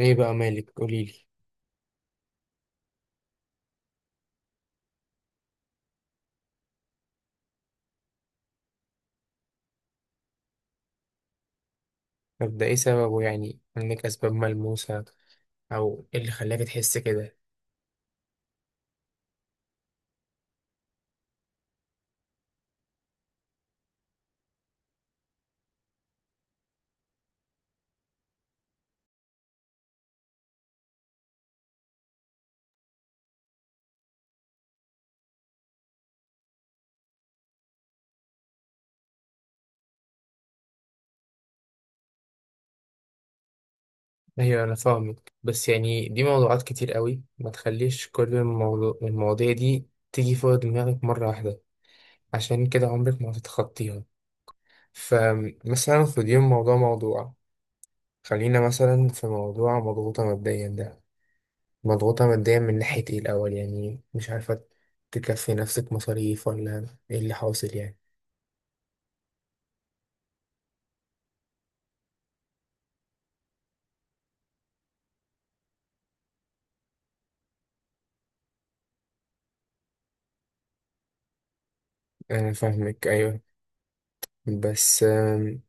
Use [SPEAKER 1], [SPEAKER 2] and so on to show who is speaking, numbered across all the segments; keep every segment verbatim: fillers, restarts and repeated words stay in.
[SPEAKER 1] ايه بقى مالك؟ قوليلي. طب ده ايه سببه؟ يعني عندك اسباب ملموسة او ايه اللي خلاك تحس كده؟ ايوه انا فاهمك، بس يعني دي موضوعات كتير قوي. ما تخليش كل الموضوع المواضيع دي تيجي فوق دماغك مرة واحدة، عشان كده عمرك ما هتتخطيها. فمثلا خديهم موضوع موضوع. خلينا مثلا في موضوع مضغوطة ماديا ده، مضغوطة ماديا من ناحية ايه الاول؟ يعني مش عارفة، تكفي نفسك مصاريف ولا ايه اللي حاصل يعني؟ انا فاهمك، ايوه، بس آم،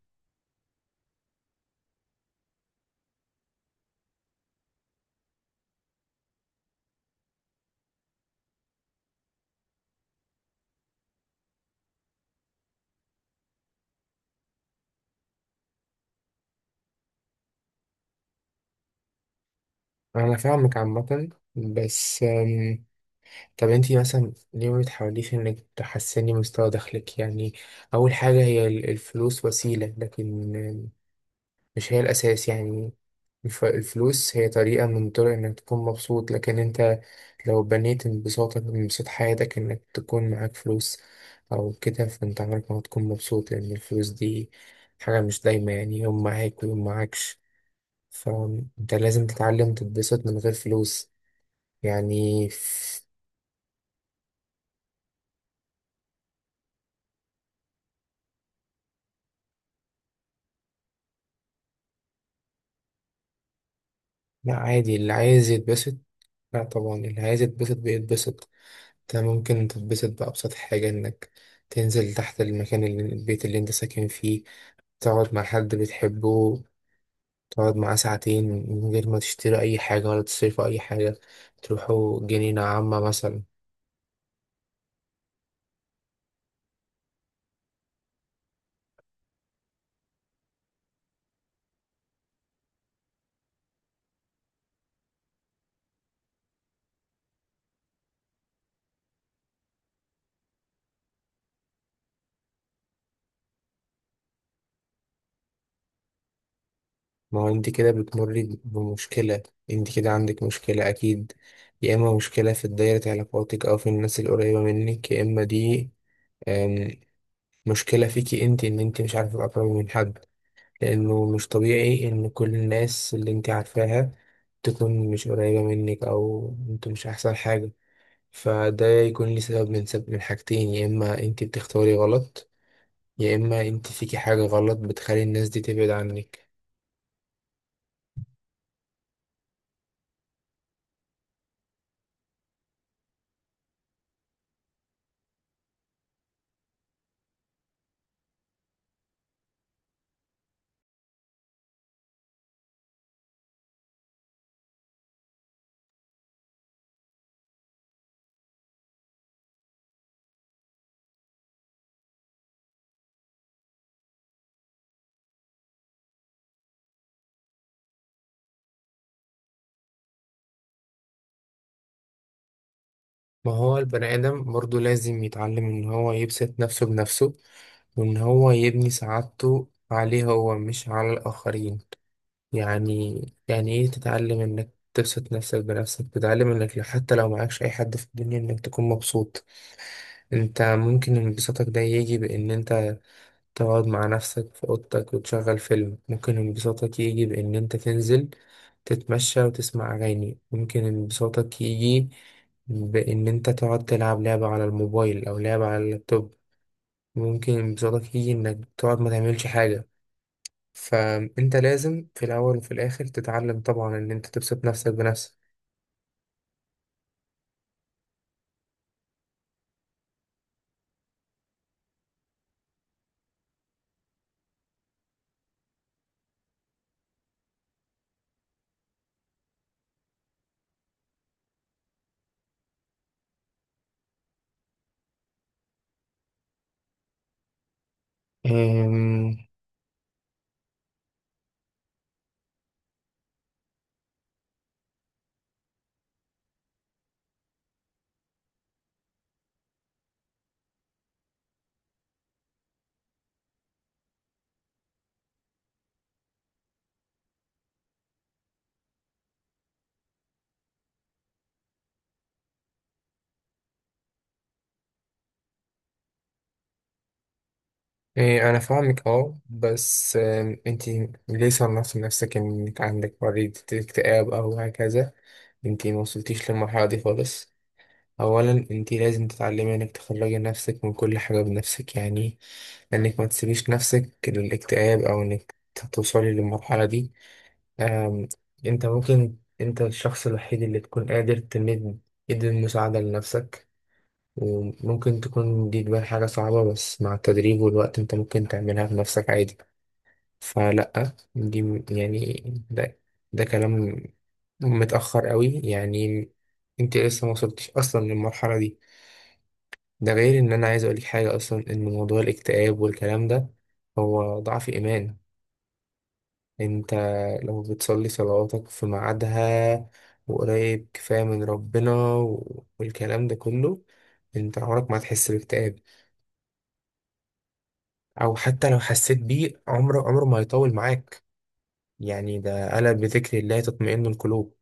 [SPEAKER 1] انا فاهمك عامة، بس آم، طب انتي مثلا ليه ما بتحاوليش انك تحسني مستوى دخلك؟ يعني اول حاجة، هي ال- الفلوس وسيلة، لكن آم، مش هي الاساس يعني. الف- الفلوس هي طريقة من طرق انك تكون مبسوط، لكن انت لو بنيت انبساطك من انبساط حياتك انك تكون معاك فلوس او كده، فانت عمرك ما هتكون مبسوط، لان الفلوس دي حاجة مش دايما، يعني يوم معاك ويوم معاكش. فانت لازم تتعلم تتبسط من غير فلوس. يعني ف- لا، عادي، اللي عايز يتبسط، لا طبعا اللي عايز يتبسط بيتبسط. انت ممكن تتبسط بأبسط حاجة، انك تنزل تحت المكان اللي البيت اللي انت ساكن فيه، تقعد مع حد بتحبه، تقعد معاه ساعتين من غير ما تشتري أي حاجة ولا تصرفوا أي حاجة، تروحوا جنينة عامة مثلا. ما هو انت كده بتمري بمشكلة، انت كده عندك مشكلة اكيد. يا اما مشكلة في دايرة علاقاتك او في الناس القريبة منك، يا اما دي أم، مشكلة فيكي انت، ان انت مش عارفة تقربي من حد. لانه مش طبيعي ان كل الناس اللي انت عارفاها تكون مش قريبة منك او انتوا مش احسن حاجة. فده يكون لي سبب من سبب من حاجتين، يا اما انت بتختاري غلط، يا اما انت فيكي حاجة غلط بتخلي الناس دي تبعد عنك. ما هو البني آدم برضه لازم يتعلم إن هو يبسط نفسه بنفسه، وإن هو يبني سعادته عليه هو مش على الآخرين. يعني يعني إيه تتعلم إنك تبسط نفسك بنفسك؟ تتعلم إنك حتى لو معكش أي حد في الدنيا إنك تكون مبسوط. أنت ممكن انبساطك ده يجي بإن أنت تقعد مع نفسك في أوضتك وتشغل فيلم، ممكن انبساطك يجي بإن أنت تنزل تتمشى وتسمع أغاني، ممكن انبساطك يجي بإن أنت تقعد تلعب لعبة على الموبايل أو لعبة على اللابتوب، ممكن انبساطك يجي إنك تقعد ما تعملش حاجة. فأنت لازم في الأول وفي الآخر تتعلم طبعا إن أنت تبسط نفسك بنفسك. إيه؟ أنا فاهمك، أه، بس آم، أنتي ليه صنفتي نفسك إنك عندك مريض اكتئاب أو هكذا؟ أنتي موصلتيش للمرحلة دي خالص. أولا أنتي لازم تتعلمي إنك تخرجي نفسك من كل حاجة بنفسك، يعني إنك ما تسيبيش نفسك للاكتئاب أو إنك توصلي للمرحلة دي. آم، أنت ممكن أنت الشخص الوحيد اللي تكون قادر تمد إيد المساعدة لنفسك. وممكن تكون دي تبان حاجة صعبة، بس مع التدريب والوقت انت ممكن تعملها بنفسك عادي. فلأ، دي م- يعني ده ده كلام متأخر قوي يعني، انت لسه ما وصلتش اصلا للمرحلة دي. ده غير ان انا عايز اقولك حاجة اصلا، ان موضوع الاكتئاب والكلام ده هو ضعف ايمان. انت لو بتصلي صلواتك في ميعادها وقريب كفاية من ربنا والكلام ده كله، انت عمرك ما هتحس باكتئاب، او حتى لو حسيت بيه عمره عمره ما هيطول معاك. يعني ده قال بذكر الله تطمئن القلوب.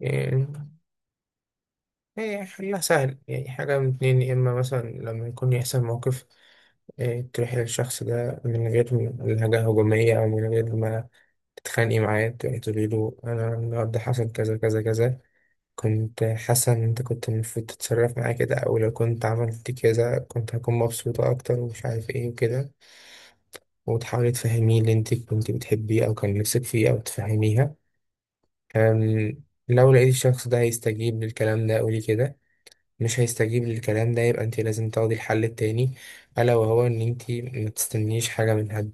[SPEAKER 1] يعني إيه؟ حلها سهل، يعني حاجة من اتنين. يا إما مثلا لما يكون يحصل موقف إيه، تروح للشخص ده من غير لهجة هجومية أو من غير ما تتخانقي معاه، تروحي تقولي له أنا النهاردة حصل كذا كذا كذا، كنت حاسة إن أنت كنت المفروض تتصرف معايا كده، أو لو كنت عملت كذا كنت هكون مبسوطة أكتر، ومش عارف إيه وكده. وتحاولي تفهميه اللي انت كنت بتحبيه او كان نفسك فيه او تفهميها. أم، لو لقيت الشخص ده هيستجيب للكلام ده قولي كده، مش هيستجيب للكلام ده يبقى انت لازم تاخدي الحل التاني. الا وهو ان انت ما تستنيش حاجه من حد.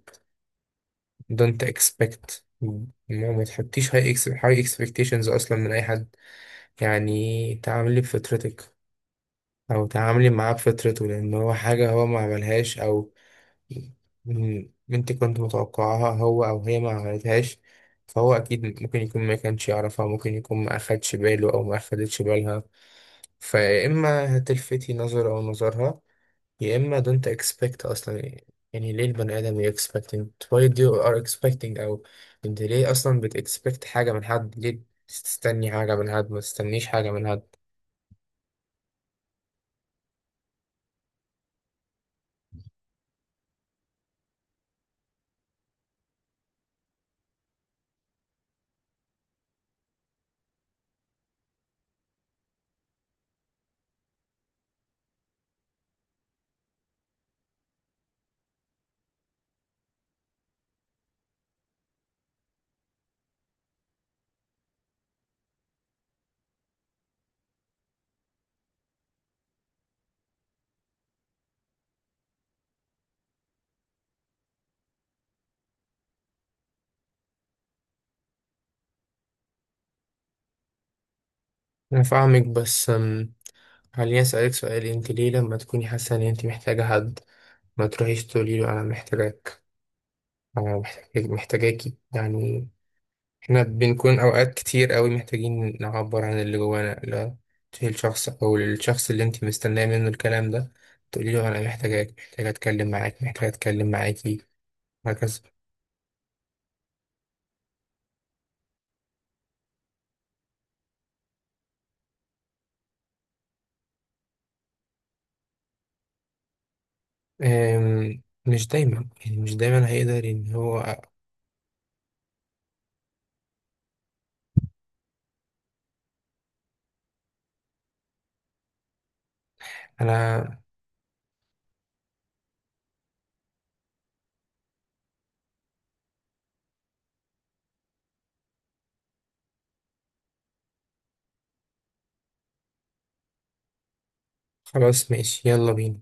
[SPEAKER 1] Don't expect. ما ما تحطيش high ex- high expectations اصلا من اي حد، يعني تعاملي بفطرتك او تعاملي معاه بفطرته، لان هو حاجه هو ما عملهاش، او من بنت كنت متوقعها هو أو هي ما عملتهاش. فهو أكيد ممكن يكون ما كانش يعرفها، ممكن يكون ما أخدش باله أو ما أخدتش بالها. فيا إما هتلفتي نظره أو نظرها، يا إما don't expect أصلا. يعني ليه البني آدم ي expecting، why do you are expecting؟ أو أنت ليه أصلا بت expect حاجة من حد؟ ليه تستني حاجة من حد؟ ما تستنيش حاجة من حد. أنا فاهمك، بس أم، خليني أسألك سؤال، أنت ليه لما تكوني حاسة إن أنت محتاجة حد ما تروحيش تقولي له انا محتاجاك، انا محتاج محتاجاكي يعني؟ احنا بنكون اوقات كتير قوي محتاجين نعبر عن اللي جوانا. لا تشيل شخص او الشخص اللي انت مستنيه منه الكلام ده، تقولي له انا محتاجاك، محتاجه اتكلم معاك، محتاجه اتكلم معاكي، وهكذا. أم، مش دايما، يعني مش دايما هيقدر ان هو انا. خلاص، ماشي، يلا بينا.